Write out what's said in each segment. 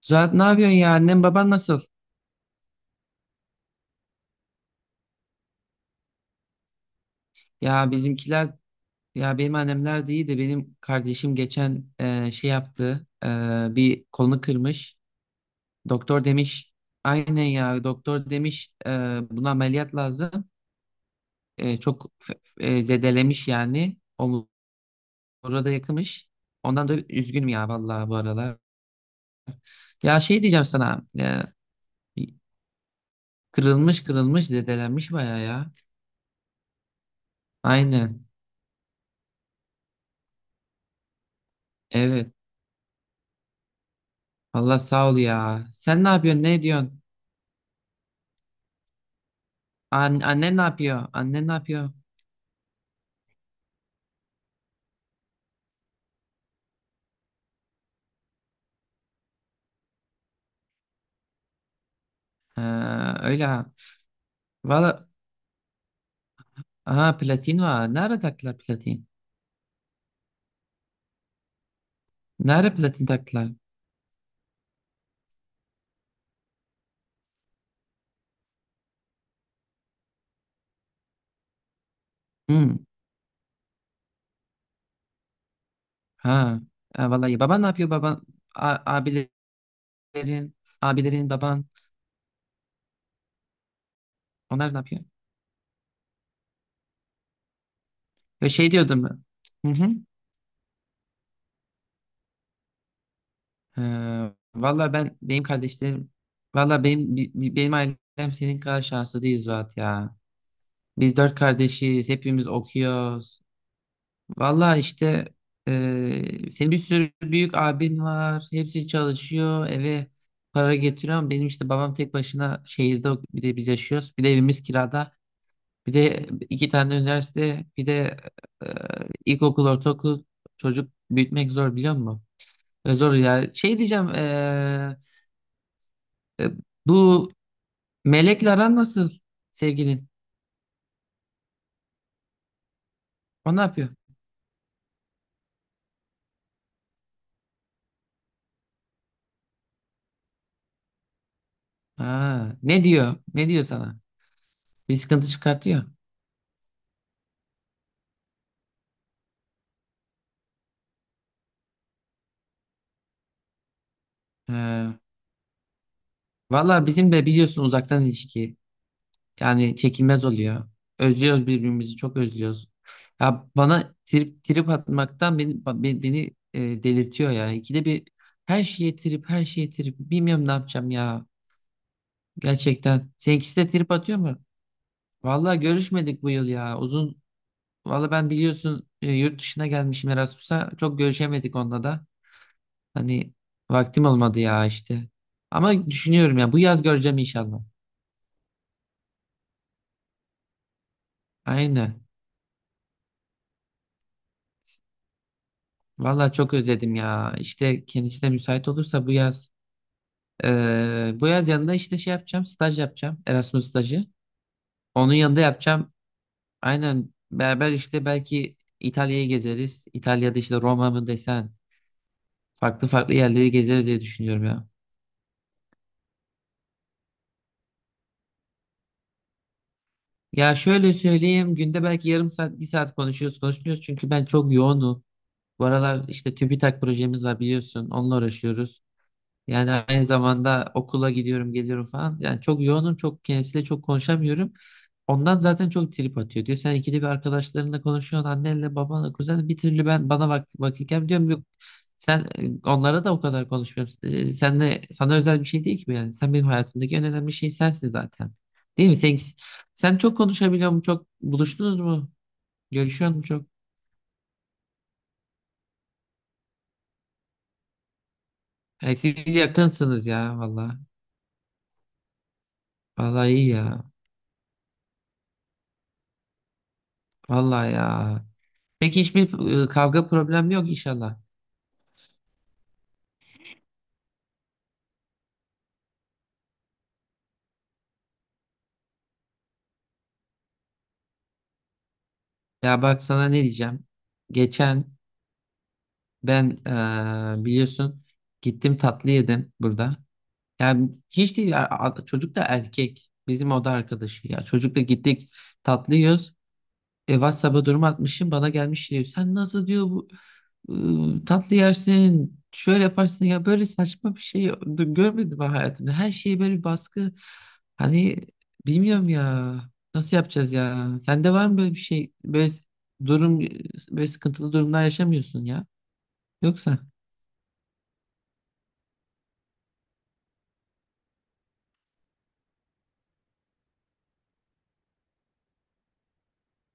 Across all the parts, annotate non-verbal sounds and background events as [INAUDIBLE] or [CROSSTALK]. Zuhat, ne yapıyorsun ya? Annem, baban nasıl? Ya bizimkiler, ya benim annemler de iyi de benim kardeşim geçen şey yaptı. Bir kolunu kırmış. Doktor demiş, aynen ya, doktor demiş, buna ameliyat lazım. Çok zedelemiş yani. Omura da yakımış. Ondan da üzgünüm ya, vallahi bu aralar. Ya şey diyeceğim sana, kırılmış, kırılmış, zedelenmiş baya ya. Aynen, evet. Allah sağ ol ya. Sen ne yapıyorsun? Ne ediyorsun? Annen ne yapıyor? Annen ne yapıyor? Ha, öyle ha. Valla, ha, platin var. Nerede taktılar platin? Nerede platin taktılar? Hmm. Ha. Ha, vallahi, baban ne yapıyor baban? A- abilerin, abilerin, baban, onlar ne yapıyor? Ya şey diyordum ben. Hı hı. Ha, valla, benim kardeşlerim, valla benim benim ailem senin kadar şanslı değil, Zuhat ya. Biz dört kardeşiz. Hepimiz okuyoruz. Valla işte, senin bir sürü büyük abin var. Hepsi çalışıyor. Eve para getiriyor, ama benim işte babam tek başına şehirde, bir de biz yaşıyoruz. Bir de evimiz kirada. Bir de iki tane üniversite. Bir de eee ilkokul, ortaokul, çocuk büyütmek zor, biliyor musun? Ve zor ya. Şey diyeceğim, e, bu Melek'le aran nasıl, sevgilin? O ne yapıyor? Ha, ne diyor? Ne diyor sana? Bir sıkıntı çıkartıyor. He. Valla, bizim de biliyorsun, uzaktan ilişki. Yani çekilmez oluyor. Özlüyoruz birbirimizi, çok özlüyoruz. Ya bana trip trip atmaktan beni, delirtiyor ya. İkide bir her şeye trip, her şeye trip. Bilmiyorum ne yapacağım ya. Gerçekten. Seninkisi de trip atıyor mu? Valla görüşmedik bu yıl ya. Uzun. Valla ben biliyorsun, yurt dışına gelmişim Erasmus'a. Çok görüşemedik onunla da. Hani vaktim olmadı ya işte. Ama düşünüyorum ya, bu yaz göreceğim inşallah. Aynen. Vallahi çok özledim ya. İşte kendisi de müsait olursa bu yaz. Bu yaz yanında işte şey yapacağım. Staj yapacağım. Erasmus stajı. Onun yanında yapacağım. Aynen beraber, işte belki İtalya'yı gezeriz. İtalya'da işte, Roma mı desen. Farklı farklı yerleri gezeriz diye düşünüyorum ya. Ya şöyle söyleyeyim. Günde belki yarım saat, bir saat konuşuyoruz, konuşmuyoruz. Çünkü ben çok yoğunum. Bu aralar işte TÜBİTAK projemiz var biliyorsun. Onunla uğraşıyoruz. Yani aynı zamanda okula gidiyorum, geliyorum falan. Yani çok yoğunum, çok kendisiyle çok konuşamıyorum. Ondan zaten çok trip atıyor. Diyor sen ikide bir arkadaşlarınla konuşuyorsun, annenle, babanla, kuzenle. Bir türlü ben bana vakit gelmiyor. Diyorum yok. Sen, onlara da o kadar konuşmuyorum. Sen de sana özel bir şey değil ki bu yani. Sen benim hayatımdaki en önemli şey sensin zaten. Değil mi? Sen çok konuşabiliyor musun? Çok buluştunuz mu? Görüşüyor musun çok? Yani siz yakınsınız ya, valla. Vallahi iyi ya. Vallahi ya. Peki hiçbir kavga problemi yok inşallah. Ya bak sana ne diyeceğim. Geçen ben, biliyorsun, gittim tatlı yedim burada. Yani hiç değil ya, çocuk da erkek. Bizim oda arkadaşı ya. Çocukla gittik tatlı yiyoruz. WhatsApp'a durum atmışım, bana gelmiş diyor. Sen nasıl diyor bu, tatlı yersin şöyle yaparsın ya, böyle saçma bir şey görmedim ben hayatımda. Her şeye böyle bir baskı. Hani bilmiyorum ya nasıl yapacağız ya. Sende var mı böyle bir şey, böyle durum, böyle sıkıntılı durumlar yaşamıyorsun ya, yoksa?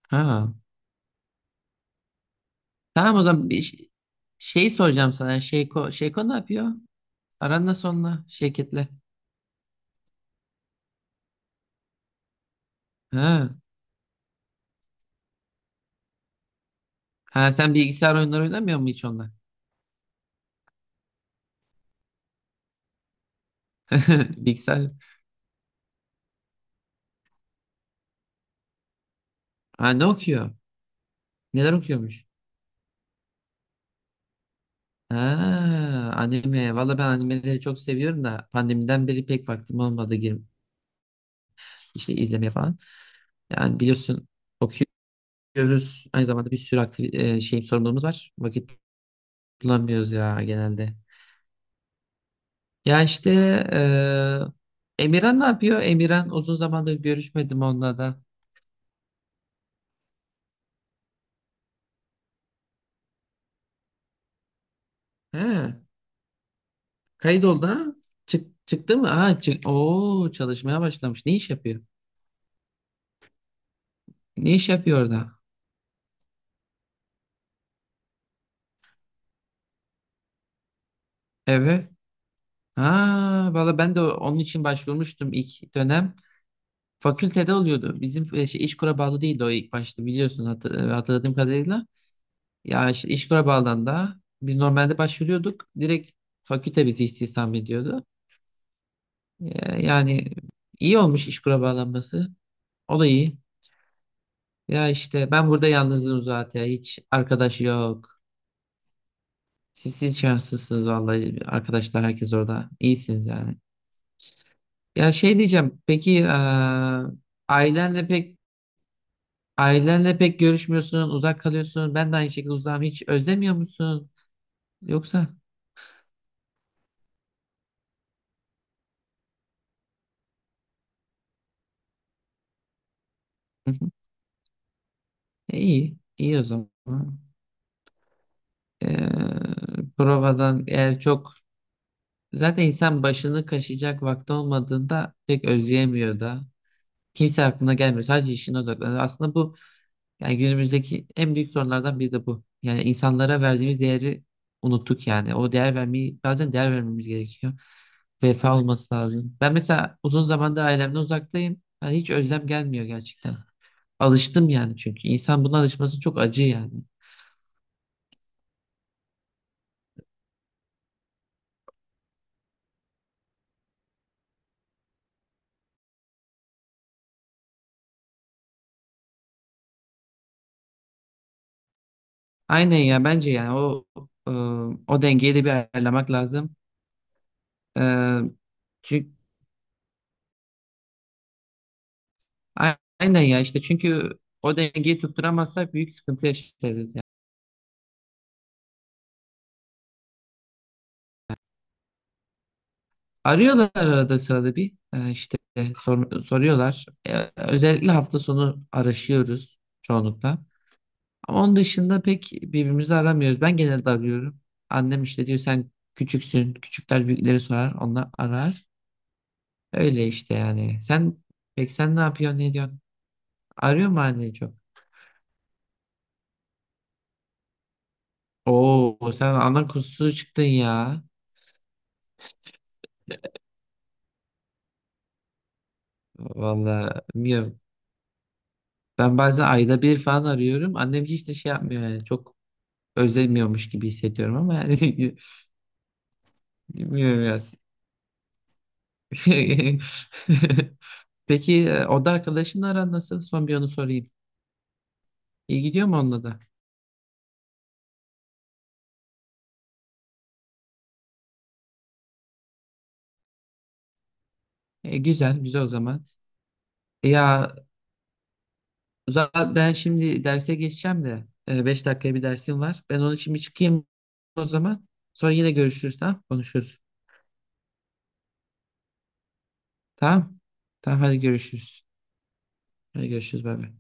Ha, tamam o zaman, şey soracağım sana. Şeyko ne yapıyor? Aran nasıl onunla, şirketle? Ha. Ha, sen bilgisayar oyunları oynamıyor mu hiç onunla? [LAUGHS] Bilgisayar. Ha, ne okuyor? Neler okuyormuş? Ha, anime. Valla ben animeleri çok seviyorum da pandemiden beri pek vaktim olmadı girip işte izlemeye falan. Yani biliyorsun okuyoruz. Aynı zamanda bir sürü aktif şey sorumluluğumuz var. Vakit bulamıyoruz ya genelde. Ya işte, Emirhan ne yapıyor? Emirhan, uzun zamandır görüşmedim onunla da. He, kayıt oldu ha? Çıktı mı? Ha. Oo, çalışmaya başlamış. Ne iş yapıyor? Ne iş yapıyor orada? Evet. Ha, valla ben de onun için başvurmuştum ilk dönem. Fakültede oluyordu. Bizim, şey, İşkur'a bağlı değildi o ilk başta, biliyorsun, hatırladığım kadarıyla. Ya işte İşkur'a bağlandığında biz normalde başvuruyorduk. Direkt fakülte bizi istihdam ediyordu. Yani iyi olmuş İşkur'a bağlanması. O da iyi. Ya işte ben burada yalnızım zaten. Hiç arkadaş yok. Siz şanslısınız vallahi. Arkadaşlar, herkes orada. İyisiniz yani. Ya şey diyeceğim. Peki, Ailenle pek ailenle pek görüşmüyorsun, uzak kalıyorsun. Ben de aynı şekilde uzağım. Hiç özlemiyor musun, yoksa? Hı hı. E, iyi, iyi o zaman. Ee, provadan eğer çok, zaten insan başını kaşıyacak vakti olmadığında pek özleyemiyor da. Kimse aklına gelmiyor. Sadece işine odaklanıyor. Aslında bu, yani günümüzdeki en büyük sorunlardan biri de bu. Yani insanlara verdiğimiz değeri unuttuk yani. O değer vermeyi, bazen değer vermemiz gerekiyor. Vefa olması lazım. Ben mesela uzun zamandır ailemden uzaktayım. Yani hiç özlem gelmiyor gerçekten. Alıştım yani çünkü. İnsan buna alışması çok acı yani. Aynen ya, bence yani e, o dengeyi de bir ayarlamak lazım. çünkü, aynen ya işte çünkü o dengeyi tutturamazsak büyük sıkıntı yaşarız yani. Arıyorlar arada sırada bir, işte soruyorlar. Özellikle hafta sonu araşıyoruz çoğunlukla. Ama onun dışında pek birbirimizi aramıyoruz. Ben genelde arıyorum. Annem işte diyor, sen küçüksün. Küçükler büyükleri sorar. Onlar arar. Öyle işte yani. Peki sen ne yapıyorsun, ne diyorsun? Arıyor mu annen çok? Oo, sen ana kuzusu çıktın ya. Valla bilmiyorum. Ben bazen ayda bir falan arıyorum. Annem hiç de şey yapmıyor yani. Çok özlemiyormuş gibi hissediyorum ama yani, [LAUGHS] bilmiyorum ya. [LAUGHS] Peki, oda arkadaşınla aran nasıl? Son bir onu sorayım. İyi gidiyor mu onunla da? Güzel, güzel o zaman. Ya zaten ben şimdi derse geçeceğim de, 5 dakikaya bir dersim var. Ben onun için bir çıkayım o zaman. Sonra yine görüşürüz, tamam? Konuşuruz. Tamam? Tamam, hadi görüşürüz. Hadi görüşürüz, bay bay.